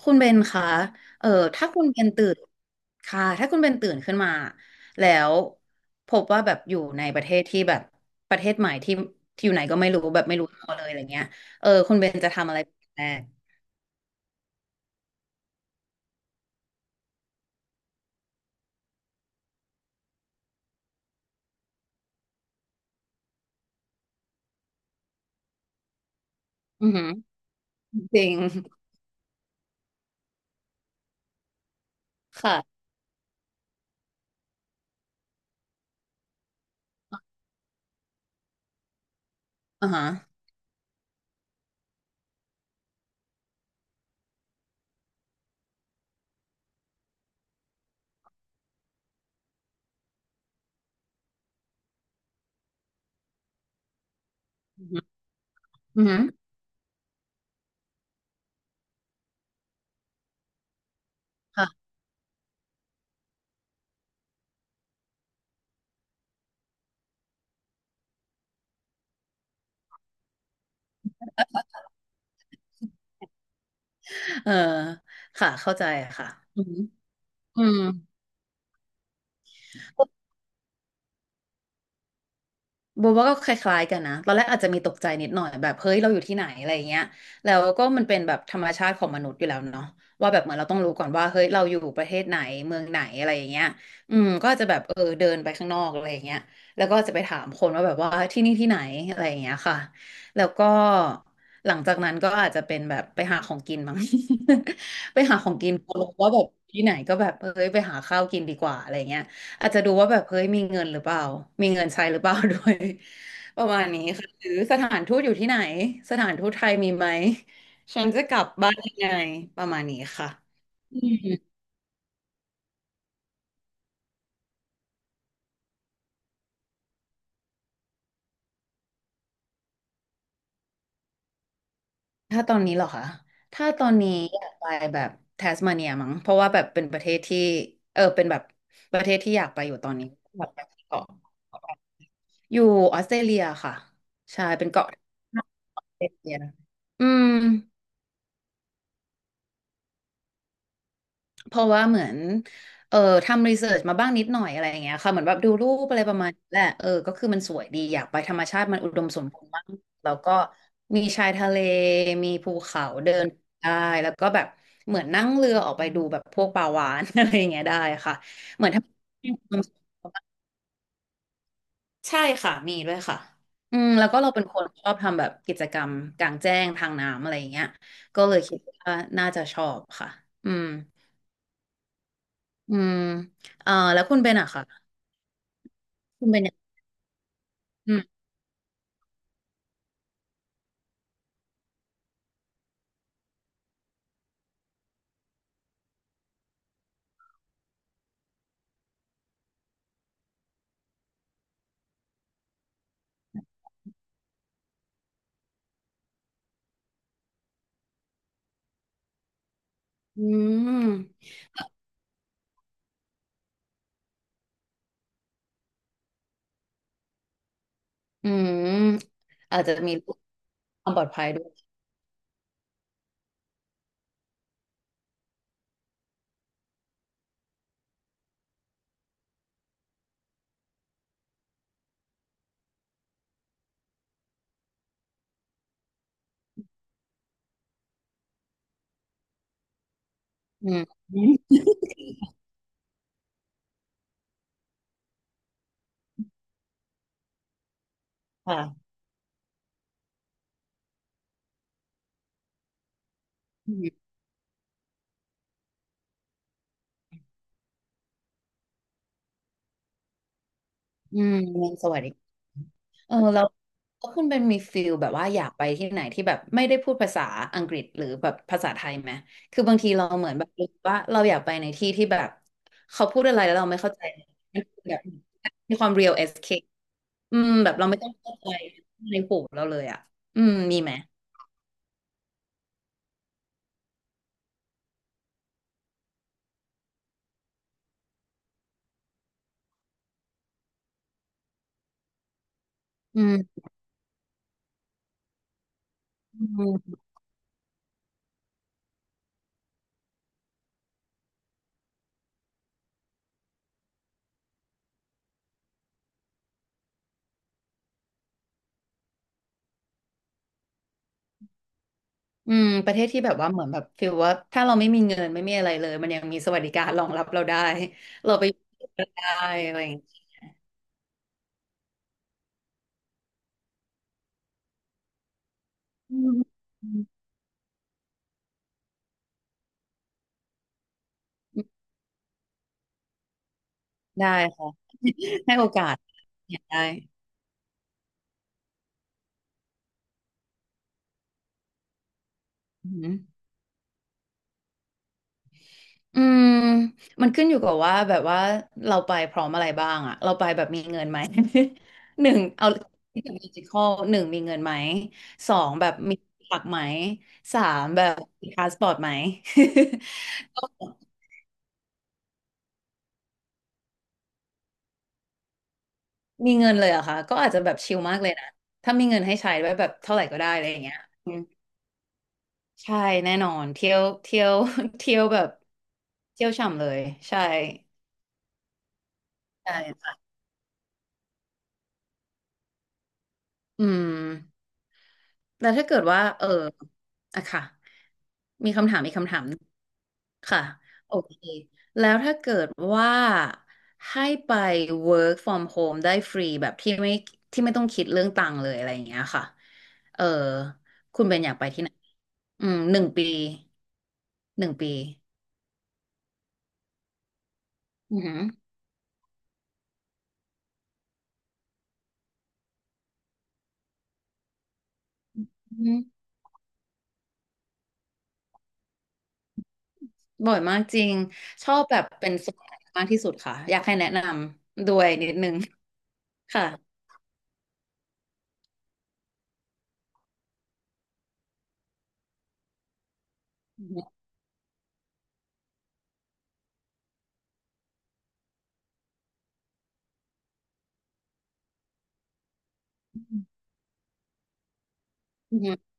คุณเบนคะเออถ้าคุณเบนตื่นค่ะ ถ้าคุณเบนตื่นขึ้นมาแล้วพบว่าแบบอยู่ในประเทศที่แบบประเทศใหม่ที่อยู่ไหนก็ไม่รู้แบบไม่รู้ตัวเลยอะไรเงี้ยเออคุณเบนจะทำอะไรเป็นแรกอือหือจริง ค่ะอ่าฮะอือหืออือหือค่ะเออค่ะ เข้าใจค่ะอือหืออืม โบว่าก็คล้ายๆกันนะ ตอนแรกอาจจะมีตกใจนิดหน่อยแบบเฮ้ยเราอยู่ที่ไหนอะไรอย่างเงี้ยแล้วก็มันเป็นแบบธรรมชาติของมนุษย์อยู่แล้วเนาะว่าแบบเหมือนเราต้องรู้ก่อนว่าเฮ้ยเราอยู่ประเทศไหนเมืองไหนอะไรอย่างเงี้ยอืมก็อาจจะแบบเออเดินไปข้างนอกอะไรอย่างเงี้ยแล้วก็จะไปถามคนว่าแบบว่าที่นี่ที่ไหนอะไรอย่างเงี้ยค่ะแล้วก็หลังจากนั้นก็อาจจะเป็นแบบไปหาของกินมั้ง ไปหาของกินพอรู้ว่าแบบที่ไหนก็แบบเอ้ยไปหาข้าวกินดีกว่าอะไรเงี้ย อาจจะดูว่าแบบเฮ้ยมีเงินหรือเปล่ามีเงินใช้หรือเปล่า ด้วย ประมาณนี้ค่ะหรือสถานทูตอยู่ที่ไหนสถานทูตไทยมีไหมฉันจะกลับบ้านยังไงประมาณนี้ค่ะอืมถ้าตอนนี้เหรอคะถ้าตอนนี้อยากไปแบบแทสมาเนียมั้งเพราะว่าแบบเป็นประเทศที่เออเป็นแบบประเทศที่อยากไปอยู่ตอนนี้แบบเกาะอยู่ออสเตรเลียค่ะใช่เป็นเกาะออสเตรเลียอืม เพราะว่าเหมือนเออทำรีเสิร์ชมาบ้างนิดหน่อยอะไรอย่างเงี้ยค่ะเหมือนแบบดูรูปอะไรประมาณนี้แหละเออก็คือมันสวยดีอยากไปธรรมชาติมันอุดมสมบูรณ์มากแล้วก็มีชายทะเลมีภูเขาเดินได้แล้วก็แบบเหมือนนั่งเรือออกไปดูแบบพวกปลาวาฬ อะไรอย่างเงี้ยได้ค่ะเหมือนถ้าใช่ค่ะมีด้วยค่ะอืมแล้วก็เราเป็นคนชอบทำแบบกิจกรรมกลางแจ้งทางน้ำอะไรอย่างเงี้ยก็เลยคิดว่าน่าจะชอบค่ะอืม อืมเอ่อแล้วคุณเป็นอะค่ะคุณเป็นเนี่ยอืมอืมอืมอาจจะมีความปลอดภัยด้วยอืมค่ะอืมอืมเงินสวัสดิการเออแล้วคุณเป็นมีฟิลแบบว่าอยากไปที่ไหนที่แบบไม่ได้พูดภาษาอังกฤษหรือแบบภาษาไทยไหมคือบางทีเราเหมือนแบบรู้สึกว่าเราอยากไปในที่ที่แบบเขาพูดอะไรแล้วเราไม่เข้าใจมันคือแบบมีความ real escape อืมแบบเราไม่ต้องเข้าใจในหูเราเลยอ่ะอืมมีไหม อืมอืมอืมประเทศที่แบบว่าเหมือนแบบฟีลว่าถ้าเราไม่มีเงินไม่มีอะไรเลยมันยังมีสวัสดิการรองรับเราได้เราไปอยู่ได้อะไรอย่างเงี้ยอืมอืมได้ค่ะ ให้โอกาสเนี่ยได้อืมอืมมันขึ้นอยู่กับว่าแบบว่าเราไปพร้อมอะไรบ้างอะเราไปแบบมีเงินไหม หนึ่งเอาที่แบบดิจิทัลหนึ่งมีเงินไหมสองแบบมีหลักไหมสามแบบมีพาสปอร์ตไหม มีเงินเลยเหรอะค่ะ ก็อาจจะแบบชิลมากเลยนะ ถ้ามีเงินให้ใช้ไว้แบบเท่าไหร่ก็ได้อะไรอย่างเงี้ยอืมใช่แน่นอนเที่ยวเที่ยว เที่ยวแบบเที่ยวฉ่ำเลยใช่ใช่อืมแล้วถ้าเกิดว่าเอออะค่ะค่ะโอเคแล้วถ้าเกิดว่าให้ไป work from home ได้ฟรีแบบที่ไม่ที่ไม่ต้องคิดเรื่องตังค์เลยอะไรอย่างเงี้ยค่ะเอออืมหนึ่งปีหนึ่งปีอือหือ บ่อยมากจริงชอบแบบเป็นส่วนไหนมากที่สุดค่ะอยากให้แนะนำด้วยนิดนึงค่ะอืมอ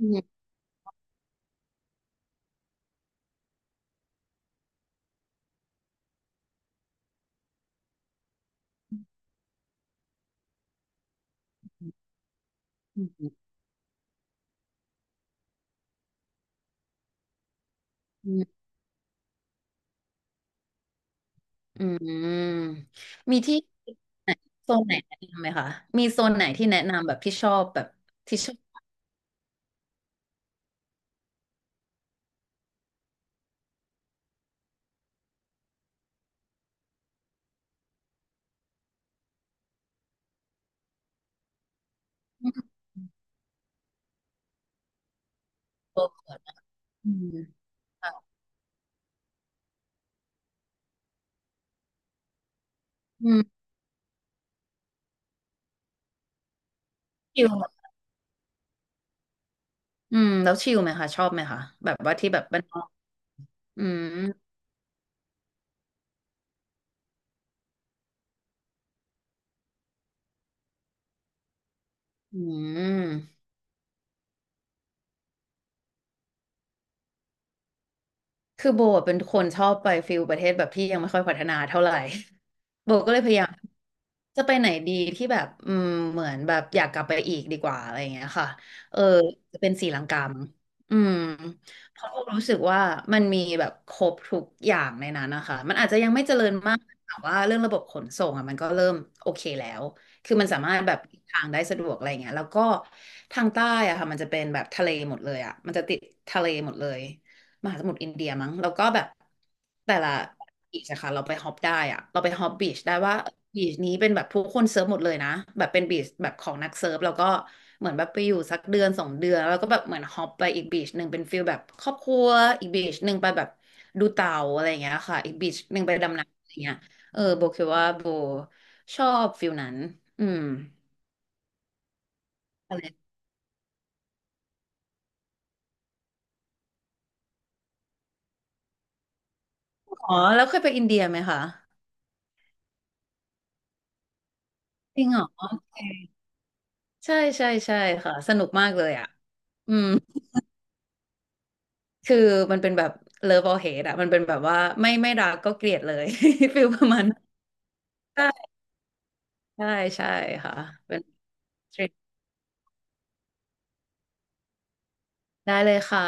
ืมอืมอืมอืมอืมมีที่ไหนโซนไหนแนะนำไหมคะมีโซนไหนที่แนะนำแบบที่ชอบแบบที่ชอบอืมอืมชิลไหมอืมแล้วชิลไหมคะชอบไหมคะแบบว่าที่แบบบ้านนอกอืมอืม คือโบอะเป็นคนชอบไปฟิลประเทศแบบที่ยังไม่ค่อยพัฒนาเท่าไหร่ โบก็เลยพยายามจะไปไหนดีที่แบบอืมเหมือนแบบอยากกลับไปอีกดีกว่าอะไรอย่างเงี้ยค่ะเออจะเป็นศรีลังกามั้งอืมเพราะโบรู้สึกว่ามันมีแบบครบทุกอย่างในนั้นนะคะมันอาจจะยังไม่เจริญมากแต่ว่าเรื่องระบบขนส่งอ่ะมันก็เริ่มโอเคแล้วคือมันสามารถแบบเดินทางได้สะดวกอะไรอย่างเงี้ยแล้วก็ทางใต้อะค่ะมันจะเป็นแบบทะเลหมดเลยอะมันจะติดทะเลหมดเลย มหาสมุทรอินเดียมั้งแล้วก็แบบแต่ละบีชอะค่ะเราไปฮอปได้อะเราไปฮอปบีชได้ว่าบีชนี้เป็นแบบผู้คนเซิร์ฟหมดเลยนะแบบเป็นบีชแบบของนักเซิร์ฟแล้วก็เหมือนแบบไปอยู่สักเดือนสองเดือนแล้วก็แบบเหมือนฮอปไปอีกบีชหนึ่งเป็นฟิลแบบครอบครัวอีกบีชหนึ่งไปแบบดูเต่าอะไรอย่างเงี้ยค่ะอีกบีชหนึ่งไปดำน้ำอะไรเงี้ยเออโบคิดว่าโบชอบฟิลนั้นอืมอะไรอ๋อแล้วเคยไปอินเดียไหมคะจริงเหรอโอเคใช่ใช่ใช่ค่ะสนุกมากเลยอ่ะอืม คือมันเป็นแบบ love or hate อะมันเป็นแบบว่าไม่ไม่รักก็เกลียดเลย ฟิลประมาณนั้นใช่ใช่ใช่ค่ะเป็นได้เลยค่ะ